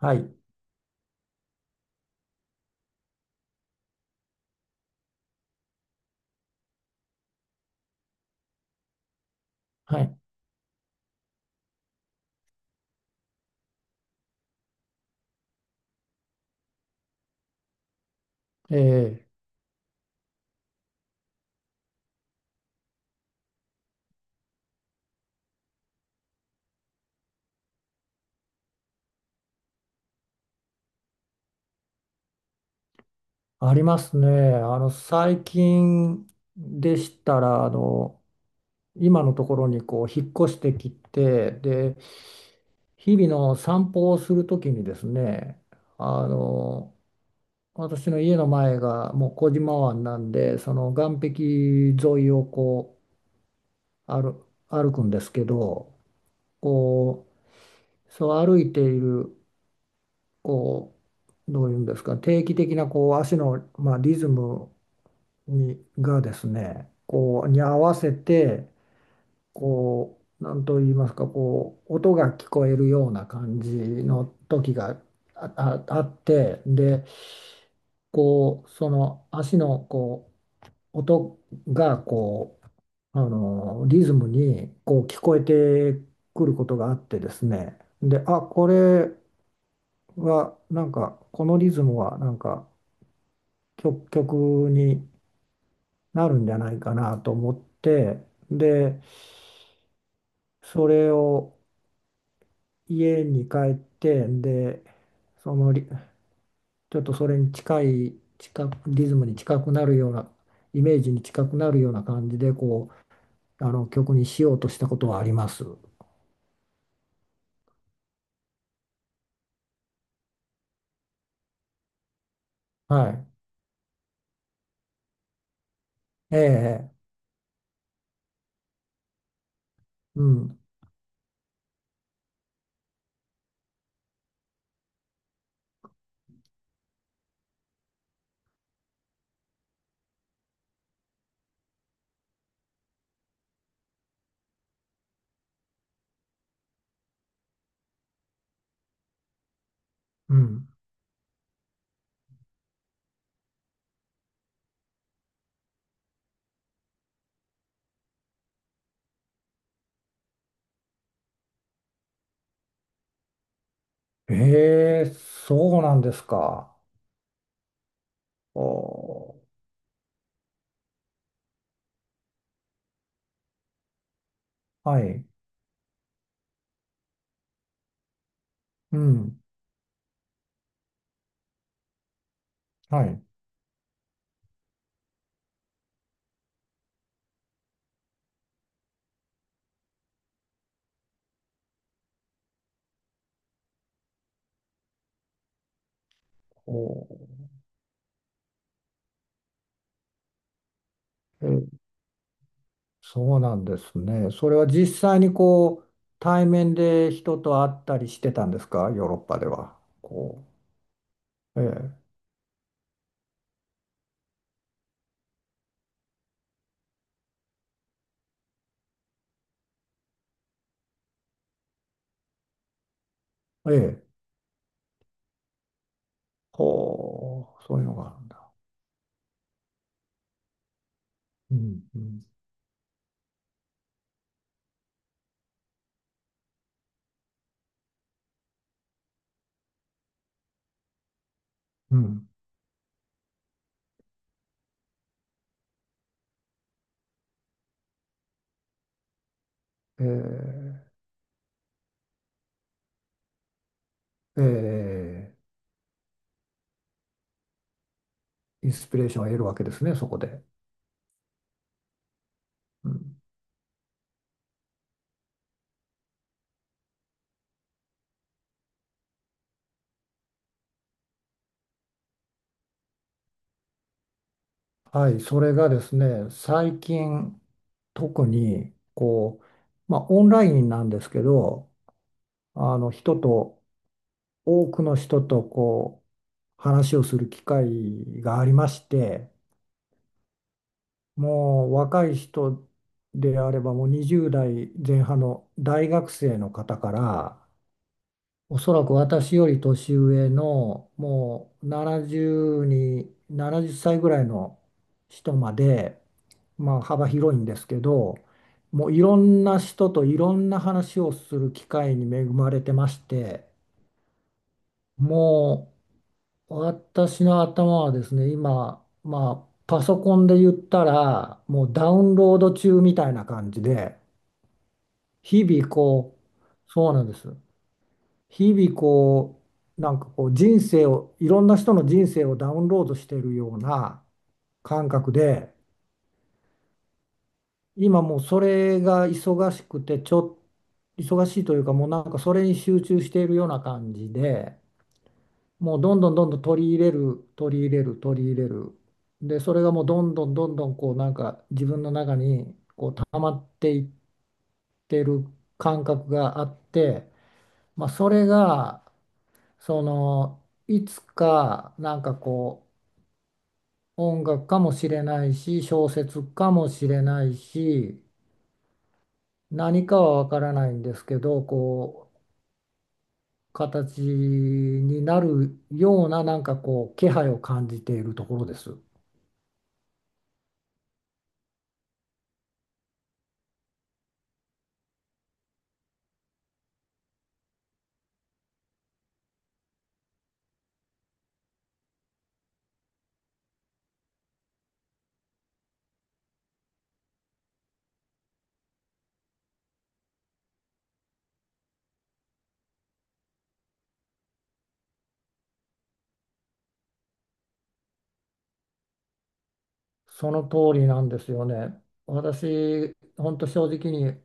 はい、はい、ええ、ありますね。最近でしたら、今のところに引っ越してきて、で、日々の散歩をするときにですね、あの、私の家の前がもう小島湾なんで、その岸壁沿いを歩くんですけど、こそう歩いている、こどういうんですか、定期的な足の、まあ、リズムにがですね、こうに合わせて何と言いますか、音が聞こえるような感じの時があってでその足の音がリズムに聞こえてくることがあってですね。で、これはなんかこのリズムはなんか曲になるんじゃないかなと思って、でそれを家に帰って、で、そのリちょっとそれに近い、近く、リズムに近くなるような、イメージに近くなるような感じで、曲にしようとしたことはあります。はい。ええ、うん、うん。ええ、そうなんですか。おー、はい。うん、はい。おー、え、そうなんですね。それは実際に対面で人と会ったりしてたんですか、ヨーロッパでは。こええ、ええ、ほう、そういうのがあるんだ。うん、うん、うん、ええ、ええ、インスピレーションを得るわけですね、そこで。うん、はい、それがですね、最近、特に、まあ、オンラインなんですけど、人と、多くの人と、話をする機会がありまして、もう若い人であればもう20代前半の大学生の方から、おそらく私より年上のもう70歳ぐらいの人まで、まあ幅広いんですけど、もういろんな人といろんな話をする機会に恵まれてまして、もう私の頭はですね、今、まあ、パソコンで言ったら、もうダウンロード中みたいな感じで、日々そうなんです。日々人生を、いろんな人の人生をダウンロードしているような感覚で、今もうそれが忙しくて、ちょっ、忙しいというか、もうなんかそれに集中しているような感じで、もうどんどんどんどん取り入れる取り入れる取り入れる、でそれがもうどんどんどんどんなんか自分の中に溜まっていってる感覚があって、まあ、それがそのいつかなんか音楽かもしれないし、小説かもしれないし、何かはわからないんですけど、形になるようななんか気配を感じているところです。その通りなんですよね。私、本当正直に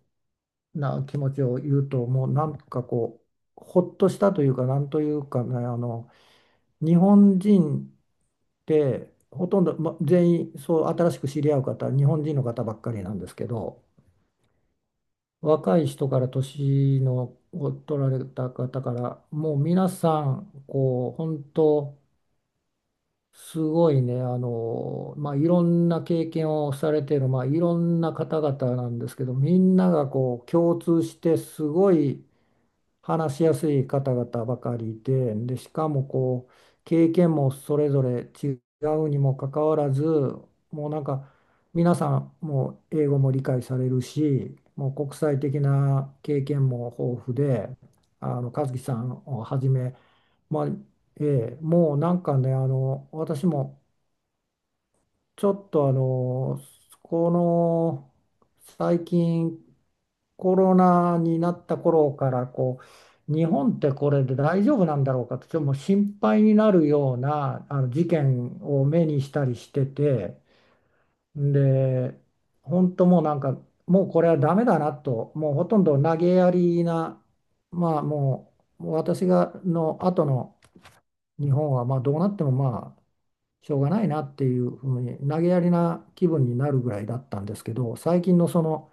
な気持ちを言うと、もうなんかほっとしたというか、なんというかね、日本人ってほとんど、ま、全員、そう、新しく知り合う方、日本人の方ばっかりなんですけど、若い人から年のを取られた方から、もう皆さん、本当、すごいね、まあ、いろんな経験をされている、まあ、いろんな方々なんですけど、みんながこう共通してすごい話しやすい方々ばかりで、で、しかも経験もそれぞれ違うにもかかわらず、もうなんか、皆さんもう英語も理解されるし、もう国際的な経験も豊富で、和樹さんをはじめ、まあ、ええ、もうなんかね、私もちょっとこの最近コロナになった頃から日本ってこれで大丈夫なんだろうかと、ちょっともう心配になるようなあの事件を目にしたりしてて、で、本当もうなんか、もうこれはダメだなと、もうほとんど投げやりな、まあももう私がの後の日本はまあどうなってもまあ、しょうがないなっていうふうに投げやりな気分になるぐらいだったんですけど、最近のその、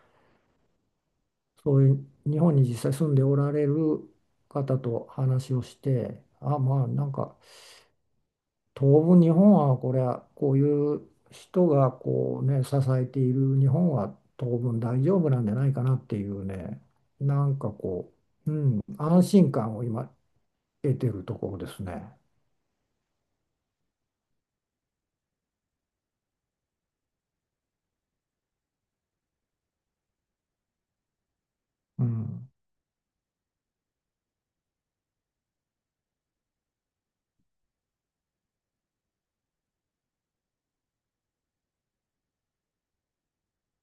そういう日本に実際住んでおられる方と話をして、あまあなんか当分日本はこれは、こういう人がこうね支えている日本は当分大丈夫なんじゃないかなっていうね、なんか安心感を今得てるところですね。うん、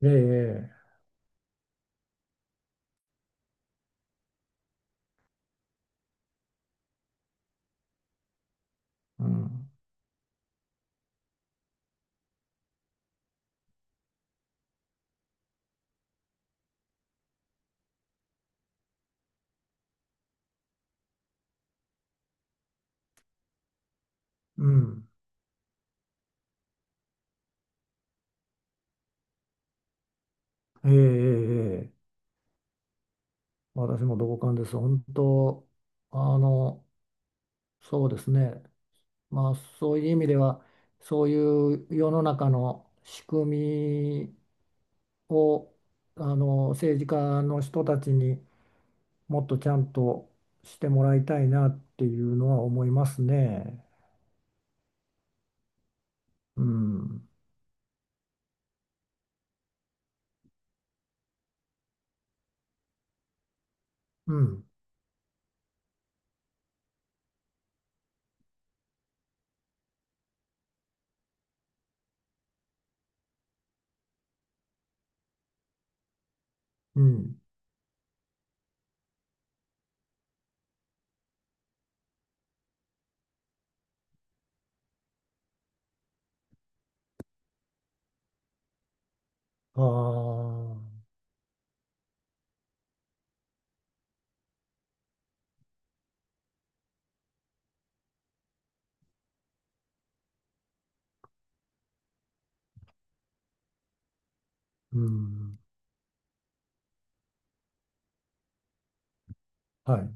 ええ、うん、うん、ええ、ええ。ええ、私も同感です。本当、あの、そうですね。まあ、そういう意味では、そういう世の中の仕組みを、政治家の人たちにもっとちゃんとしてもらいたいなっていうのは思いますね。うん、うん、うん。ああ、うん、はい、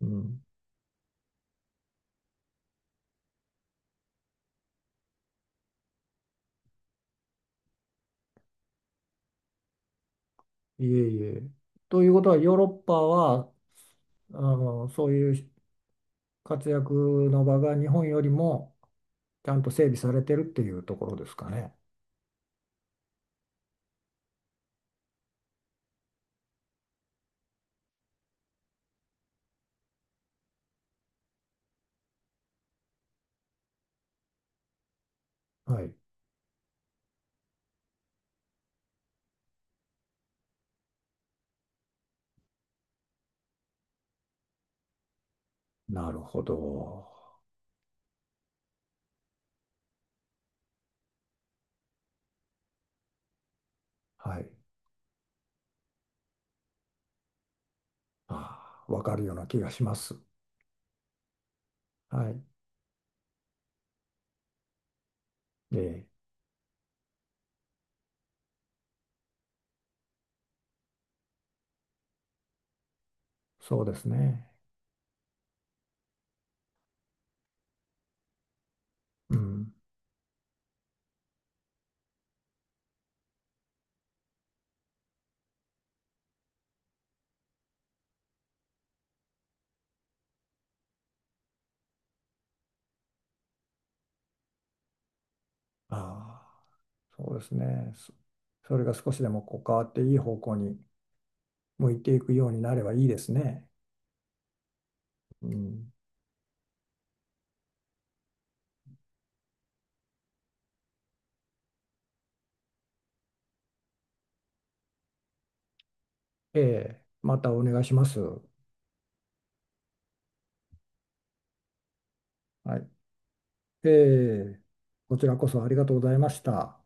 うん。いえいえ。ということは、ヨーロッパは、そういう活躍の場が日本よりもちゃんと整備されてるっていうところですかね。はい。なるほど。はい。ああ、わかるような気がします。はい。ええ、そうですね。うん。ああ、そうですね。それが少しでもこう変わっていい方向に向いていくようになればいいですね。うん。ええ、またお願いします。はい。ええ、こちらこそありがとうございました。